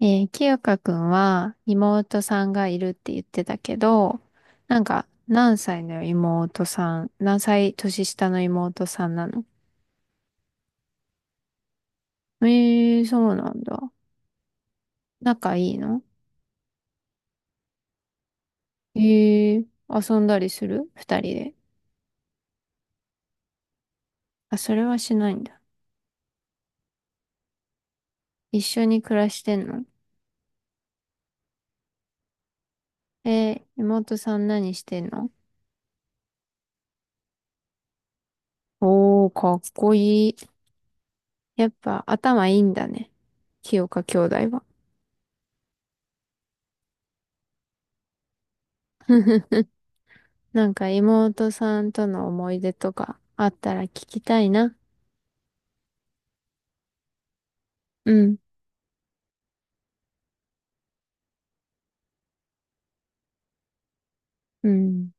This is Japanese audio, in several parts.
清香くんは妹さんがいるって言ってたけど、なんか何歳の妹さん、何歳年下の妹さんなの？えー、そうなんだ。仲いいの？えー、遊んだりする二人で。あ、それはしないんだ。一緒に暮らしてんの？え妹さん何してんの？おー、かっこいい。やっぱ頭いいんだね。清香兄弟は。なんか妹さんとの思い出とかあったら聞きたいな。うん、うん、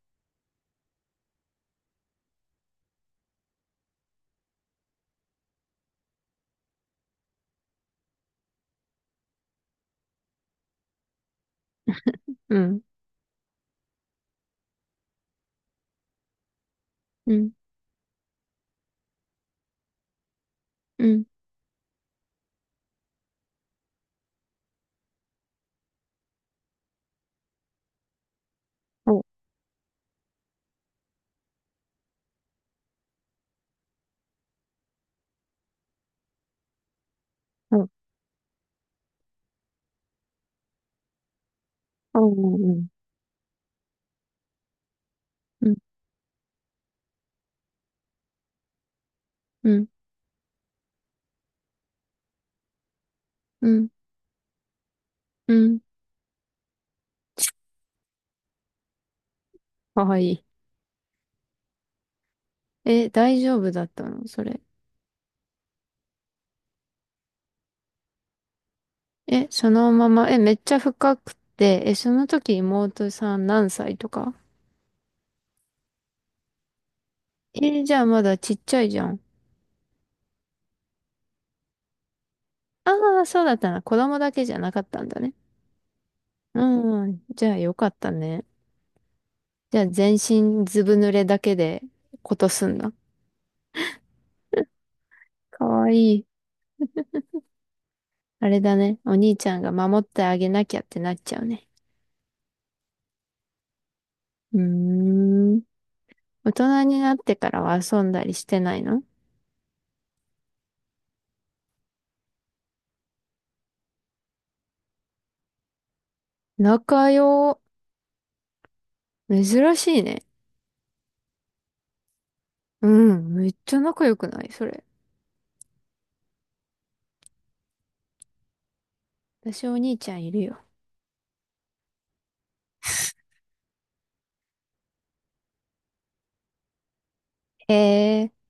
うん、うん、うん。お、お、お、うん、うん、うん、うん、うん。かわいい。え、大丈夫だったのそれ？え、そのまま、え、めっちゃ深くて、え、その時妹さん何歳とか？え、じゃあまだちっちゃいじゃん。ああ、そうだったな。子供だけじゃなかったんだね。うん、じゃあよかったね。じゃあ全身ずぶ濡れだけでことすんだ。かわいい。あれだね。お兄ちゃんが守ってあげなきゃってなっちゃうね。うーん。大人になってからは遊んだりしてないの？仲良。珍しいね。うん。めっちゃ仲良くないそれ？私お兄ちゃんいるよ。え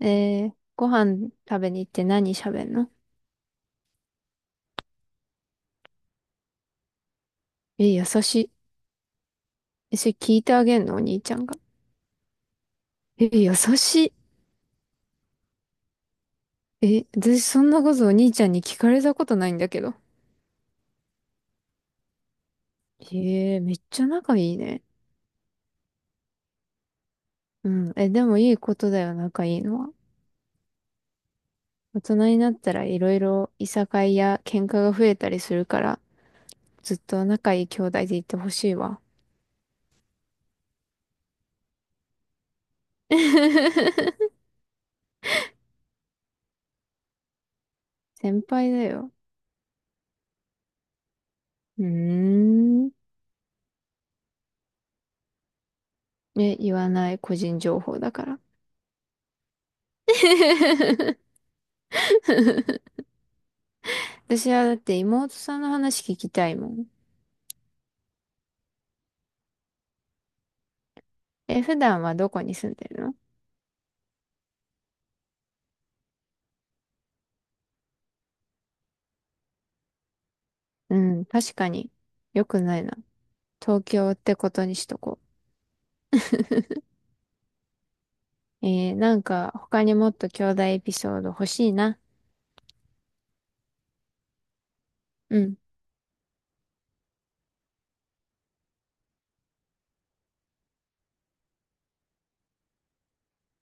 ご飯食べに行って何喋んの？え、優しい。え、それ聞いてあげんのお兄ちゃんが？え、優しい。え、私そんなことお兄ちゃんに聞かれたことないんだけど。えー、めっちゃ仲いいね。うん。え、でもいいことだよ、仲いいのは。大人になったらいろいろいさかいや喧嘩が増えたりするから、ずっと仲いい兄弟でいてほしいわ。先輩だよ。うーん。え、言わない個人情報だから。私はだって妹さんの話聞きたいもん。え、普段はどこに住んでるの？うん、確かに。よくないな。東京ってことにしとこう。なんか他にもっと兄弟エピソード欲しいな。うん。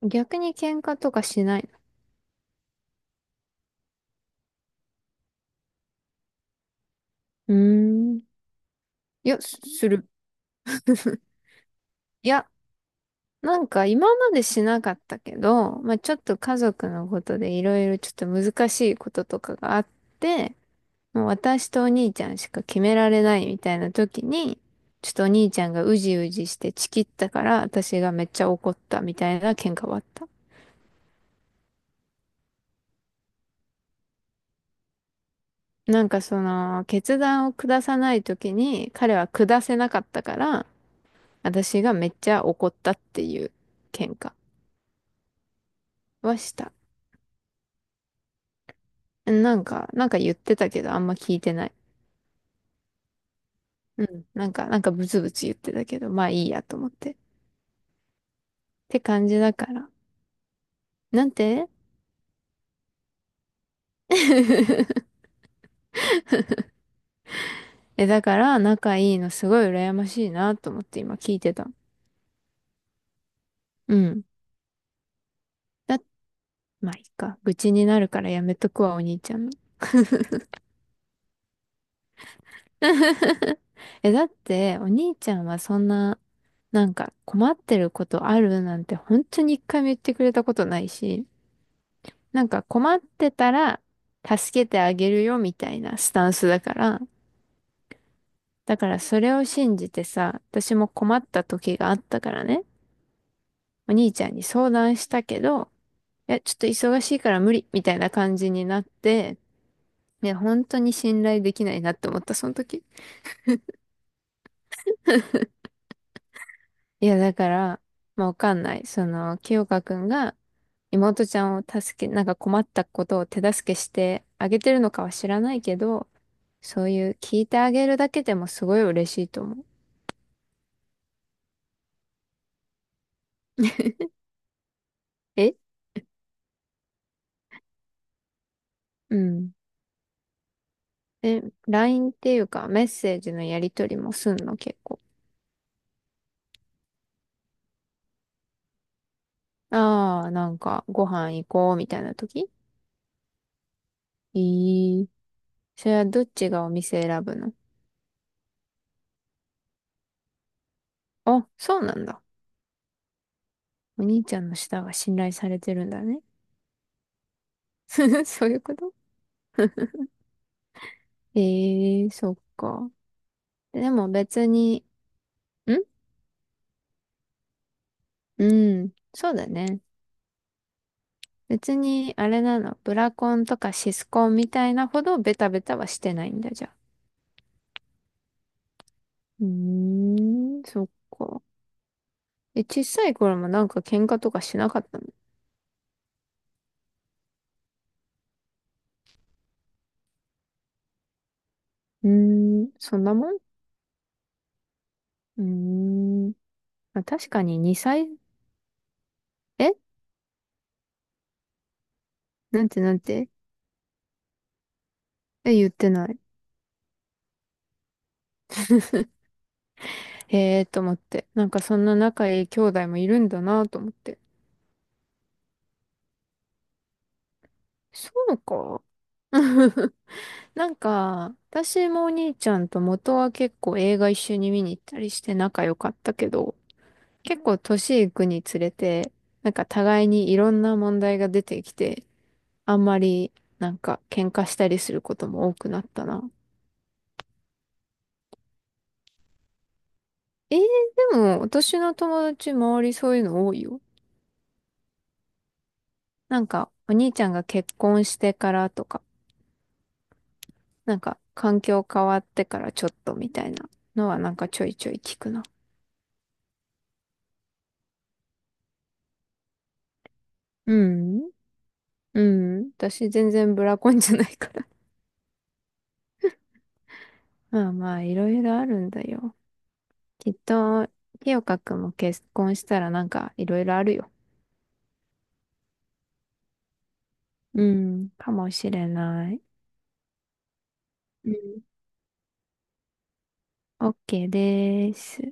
逆に喧嘩とかしないの？うーん。いや、すする。いや、なんか今までしなかったけど、まあちょっと家族のことでいろいろちょっと難しいこととかがあって、もう私とお兄ちゃんしか決められないみたいな時に、ちょっとお兄ちゃんがうじうじしてチキったから私がめっちゃ怒ったみたいな喧嘩はあった。なんかその決断を下さない時に彼は下せなかったから、私がめっちゃ怒ったっていう喧嘩はした。なんか言ってたけど、あんま聞いてない。うん。なんかブツブツ言ってたけど、まあいいやと思って。って感じだから。なんて え、だから、仲いいのすごい羨ましいなと思って今聞いてた。うん。だ、まあいいか。愚痴になるからやめとくわ、お兄ちゃんの。え、だって、お兄ちゃんはそんな、なんか困ってることあるなんて本当に一回も言ってくれたことないし、なんか困ってたら助けてあげるよみたいなスタンスだから、だからそれを信じてさ、私も困った時があったからね、お兄ちゃんに相談したけど、いや、ちょっと忙しいから無理みたいな感じになって、いや、本当に信頼できないなって思った、その時。いや、だから、まあ、わかんない。その、清香くんが妹ちゃんを助け、なんか困ったことを手助けしてあげてるのかは知らないけど、そういう聞いてあげるだけでもすごい嬉しいと思う。えうん。え、LINE っていうかメッセージのやりとりもすんの結構？ああ、なんかご飯行こうみたいな時？えー、それはどっちがお店選ぶの？あ、そうなんだ。お兄ちゃんの舌が信頼されてるんだね。そういうこと？ええー、そっか。でも別に、ん、うん、そうだね。別に、あれなの、ブラコンとかシスコンみたいなほどベタベタはしてないんだじゃあ。うーん、そっか。え、小さい頃もなんか喧嘩とかしなかったの？うーん、そんなもん？うーん。まあ、確かに2歳、えなんて？なんて？言ってない。へえーと思って。なんかそんな仲いい兄弟もいるんだなと思って。そうか。なんか、私もお兄ちゃんと元は結構映画一緒に見に行ったりして仲良かったけど、結構年いくにつれて、なんか互いにいろんな問題が出てきて、あんまりなんか喧嘩したりすることも多くなったな。えー、でも私の友達周りそういうの多いよ。なんかお兄ちゃんが結婚してからとか、なんか環境変わってからちょっとみたいなのはなんかちょいちょい聞くな。うん。うん。私全然ブラコンじゃないから。まあまあいろいろあるんだよ。きっと、清香くんも結婚したらなんかいろいろあるよ。うん、かもしれない。うん。OK です。